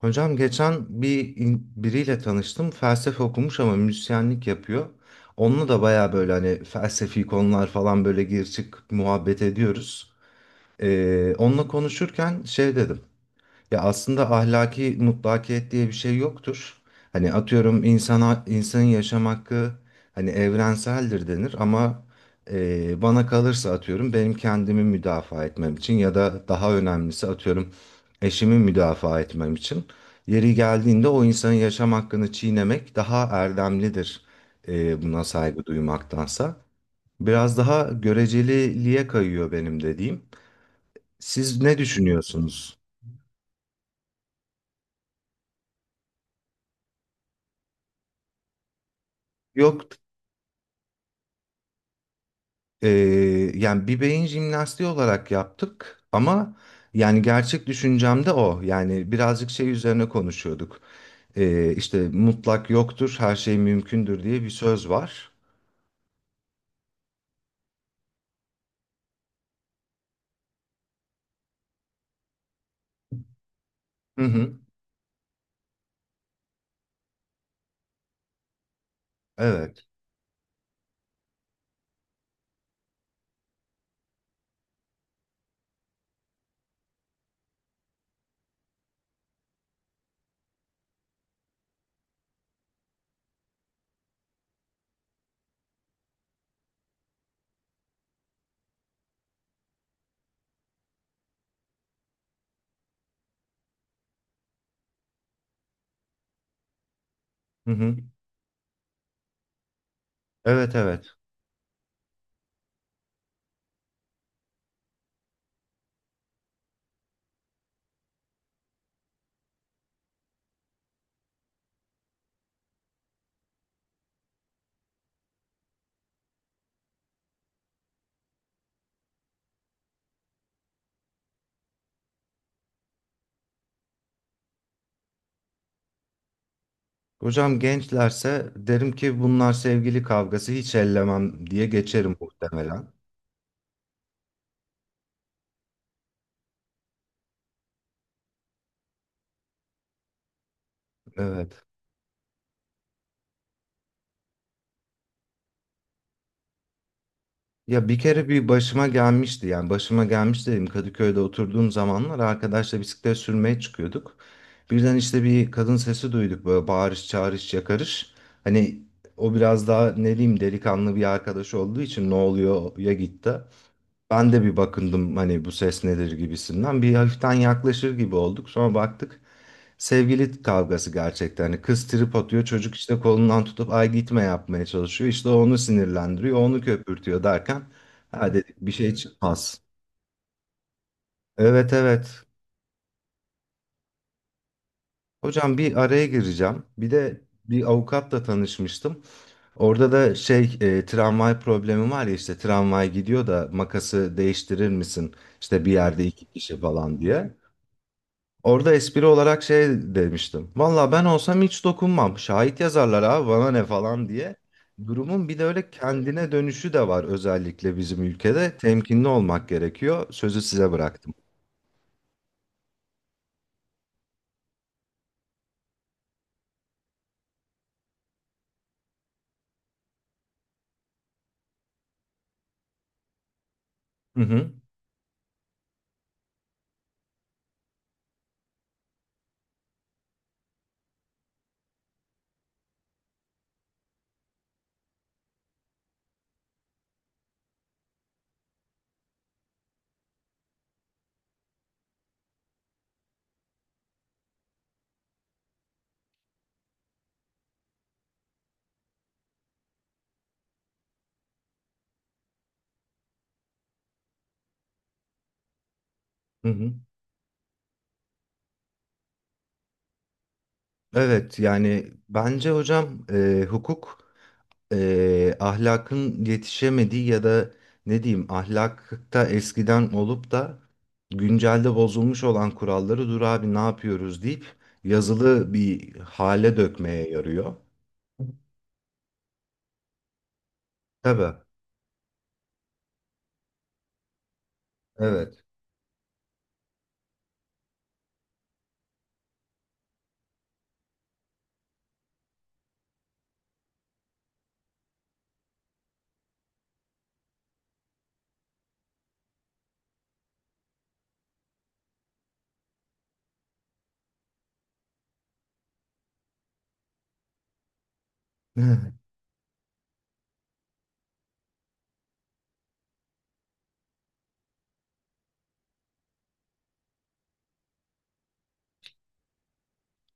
Hocam geçen biriyle tanıştım. Felsefe okumuş ama müzisyenlik yapıyor. Onunla da baya böyle hani felsefi konular falan böyle gir çık muhabbet ediyoruz. Onunla konuşurken şey dedim. Ya aslında ahlaki mutlakiyet diye bir şey yoktur. Hani atıyorum insana insanın yaşam hakkı hani evrenseldir denir ama bana kalırsa atıyorum benim kendimi müdafaa etmem için ya da daha önemlisi atıyorum eşimi müdafaa etmem için yeri geldiğinde o insanın yaşam hakkını çiğnemek daha erdemlidir, buna saygı duymaktansa. Biraz daha göreceliliğe kayıyor benim dediğim. Siz ne düşünüyorsunuz? Yok. Ee, Yani bir beyin jimnastiği olarak yaptık ama yani gerçek düşüncem de o. Yani birazcık şey üzerine konuşuyorduk. İşte mutlak yoktur, her şey mümkündür diye bir söz var. Hı hı. Evet. Hı hı. Evet, evet. Hocam gençlerse derim ki bunlar sevgili kavgası, hiç ellemem diye geçerim muhtemelen. Evet. Ya bir kere bir başıma gelmişti, yani başıma gelmiş dedim, Kadıköy'de oturduğum zamanlar arkadaşla bisiklet sürmeye çıkıyorduk. Birden işte bir kadın sesi duyduk, böyle bağırış çağırış yakarış. Hani o biraz daha ne diyeyim, delikanlı bir arkadaş olduğu için ne oluyor ya gitti. Ben de bir bakındım hani bu ses nedir gibisinden. Bir hafiften yaklaşır gibi olduk. Sonra baktık sevgili kavgası gerçekten. Hani kız trip atıyor. Çocuk işte kolundan tutup ay gitme yapmaya çalışıyor. İşte o onu sinirlendiriyor. Onu köpürtüyor derken ha dedik, bir şey çıkmaz. Evet, evet. Hocam bir araya gireceğim. Bir de bir avukatla tanışmıştım. Orada da tramvay problemi var ya, işte tramvay gidiyor da makası değiştirir misin? İşte bir yerde iki kişi falan diye. Orada espri olarak şey demiştim. Valla ben olsam hiç dokunmam. Şahit yazarlar, abi bana ne falan diye. Durumun bir de öyle kendine dönüşü de var, özellikle bizim ülkede. Temkinli olmak gerekiyor. Sözü size bıraktım. Hı hı, hı hı. Evet, yani bence hocam hukuk ahlakın yetişemediği ya da ne diyeyim ahlakta eskiden olup da güncelde bozulmuş olan kuralları dur abi ne yapıyoruz deyip yazılı bir hale dökmeye yarıyor. Tabii. Evet. Hı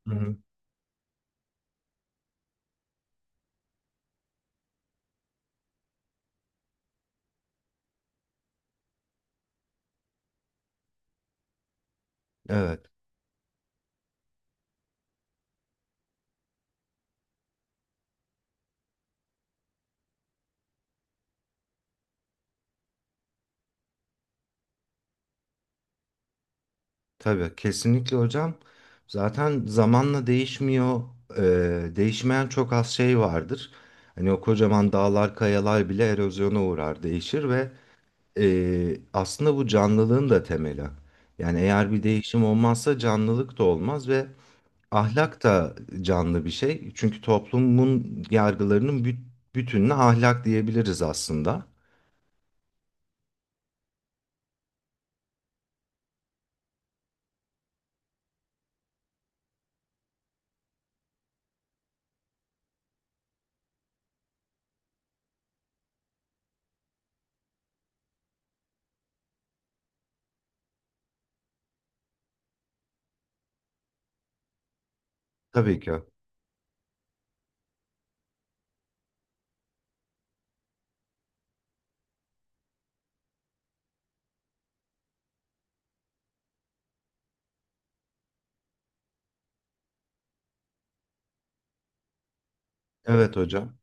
hı. Evet. Tabii. Kesinlikle hocam. Zaten zamanla değişmiyor. Değişmeyen çok az şey vardır. Hani o kocaman dağlar, kayalar bile erozyona uğrar, değişir ve aslında bu canlılığın da temeli. Yani eğer bir değişim olmazsa canlılık da olmaz ve ahlak da canlı bir şey. Çünkü toplumun bütününe ahlak diyebiliriz aslında. Tabii ki. Evet hocam.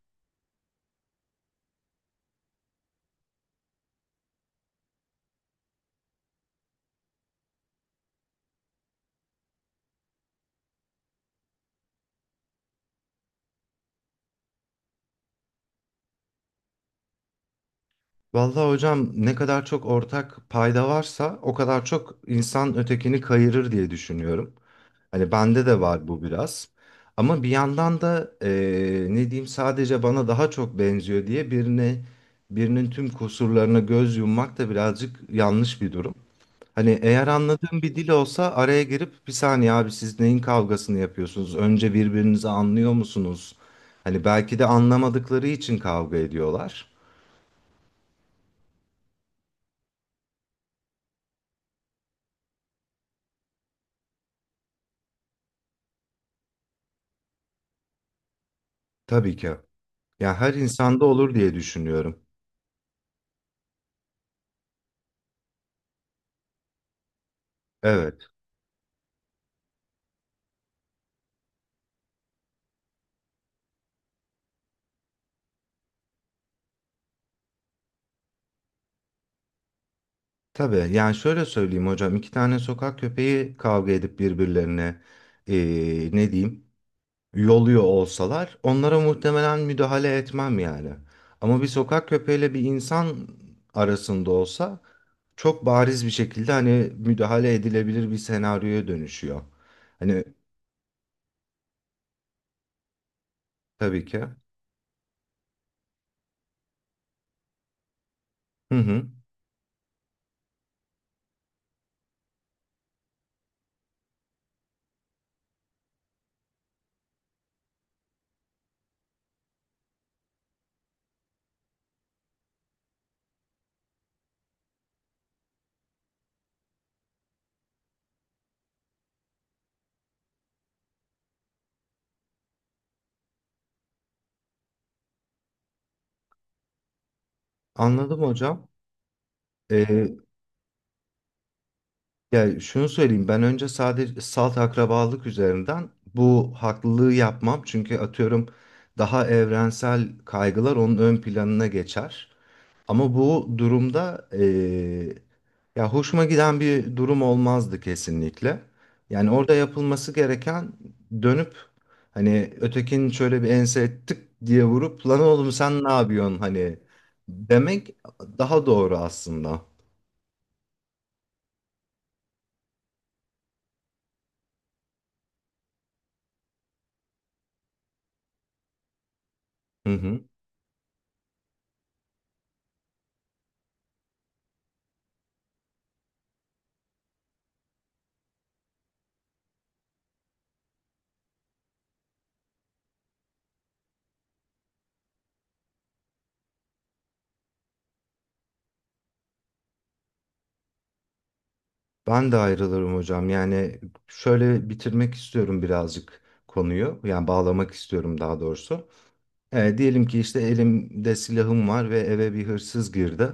Vallahi hocam, ne kadar çok ortak payda varsa o kadar çok insan ötekini kayırır diye düşünüyorum. Hani bende de var bu biraz. Ama bir yandan da ne diyeyim sadece bana daha çok benziyor diye birinin tüm kusurlarına göz yummak da birazcık yanlış bir durum. Hani eğer anladığım bir dil olsa araya girip bir saniye, abi siz neyin kavgasını yapıyorsunuz? Önce birbirinizi anlıyor musunuz? Hani belki de anlamadıkları için kavga ediyorlar. Tabii ki. Ya her insanda olur diye düşünüyorum. Evet. Tabii, yani şöyle söyleyeyim hocam, iki tane sokak köpeği kavga edip birbirlerine ne diyeyim yoluyor olsalar onlara muhtemelen müdahale etmem yani. Ama bir sokak köpeğiyle bir insan arasında olsa çok bariz bir şekilde hani müdahale edilebilir bir senaryoya dönüşüyor. Hani tabii ki. Hı hı. Anladım hocam. Ee, Ya şunu söyleyeyim, ben önce sadece salt akrabalık üzerinden bu haklılığı yapmam. Çünkü atıyorum daha evrensel kaygılar onun ön planına geçer. Ama bu durumda ya hoşuma giden bir durum olmazdı kesinlikle. Yani orada yapılması gereken dönüp hani ötekinin şöyle bir ense tık diye vurup lan oğlum sen ne yapıyorsun hani demek daha doğru aslında. Hı hı. Ben de ayrılırım hocam. Yani şöyle bitirmek istiyorum birazcık konuyu. Yani bağlamak istiyorum daha doğrusu. Diyelim ki işte elimde silahım var ve eve bir hırsız girdi.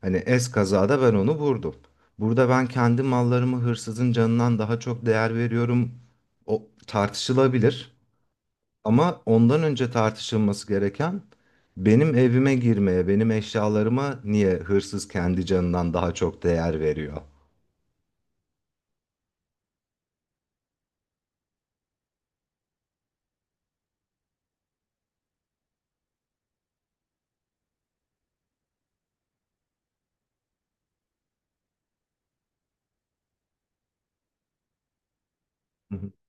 Hani es kazada ben onu vurdum. Burada ben kendi mallarımı hırsızın canından daha çok değer veriyorum. O tartışılabilir. Ama ondan önce tartışılması gereken, benim evime girmeye, benim eşyalarıma niye hırsız kendi canından daha çok değer veriyor?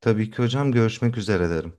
Tabii ki hocam, görüşmek üzere derim.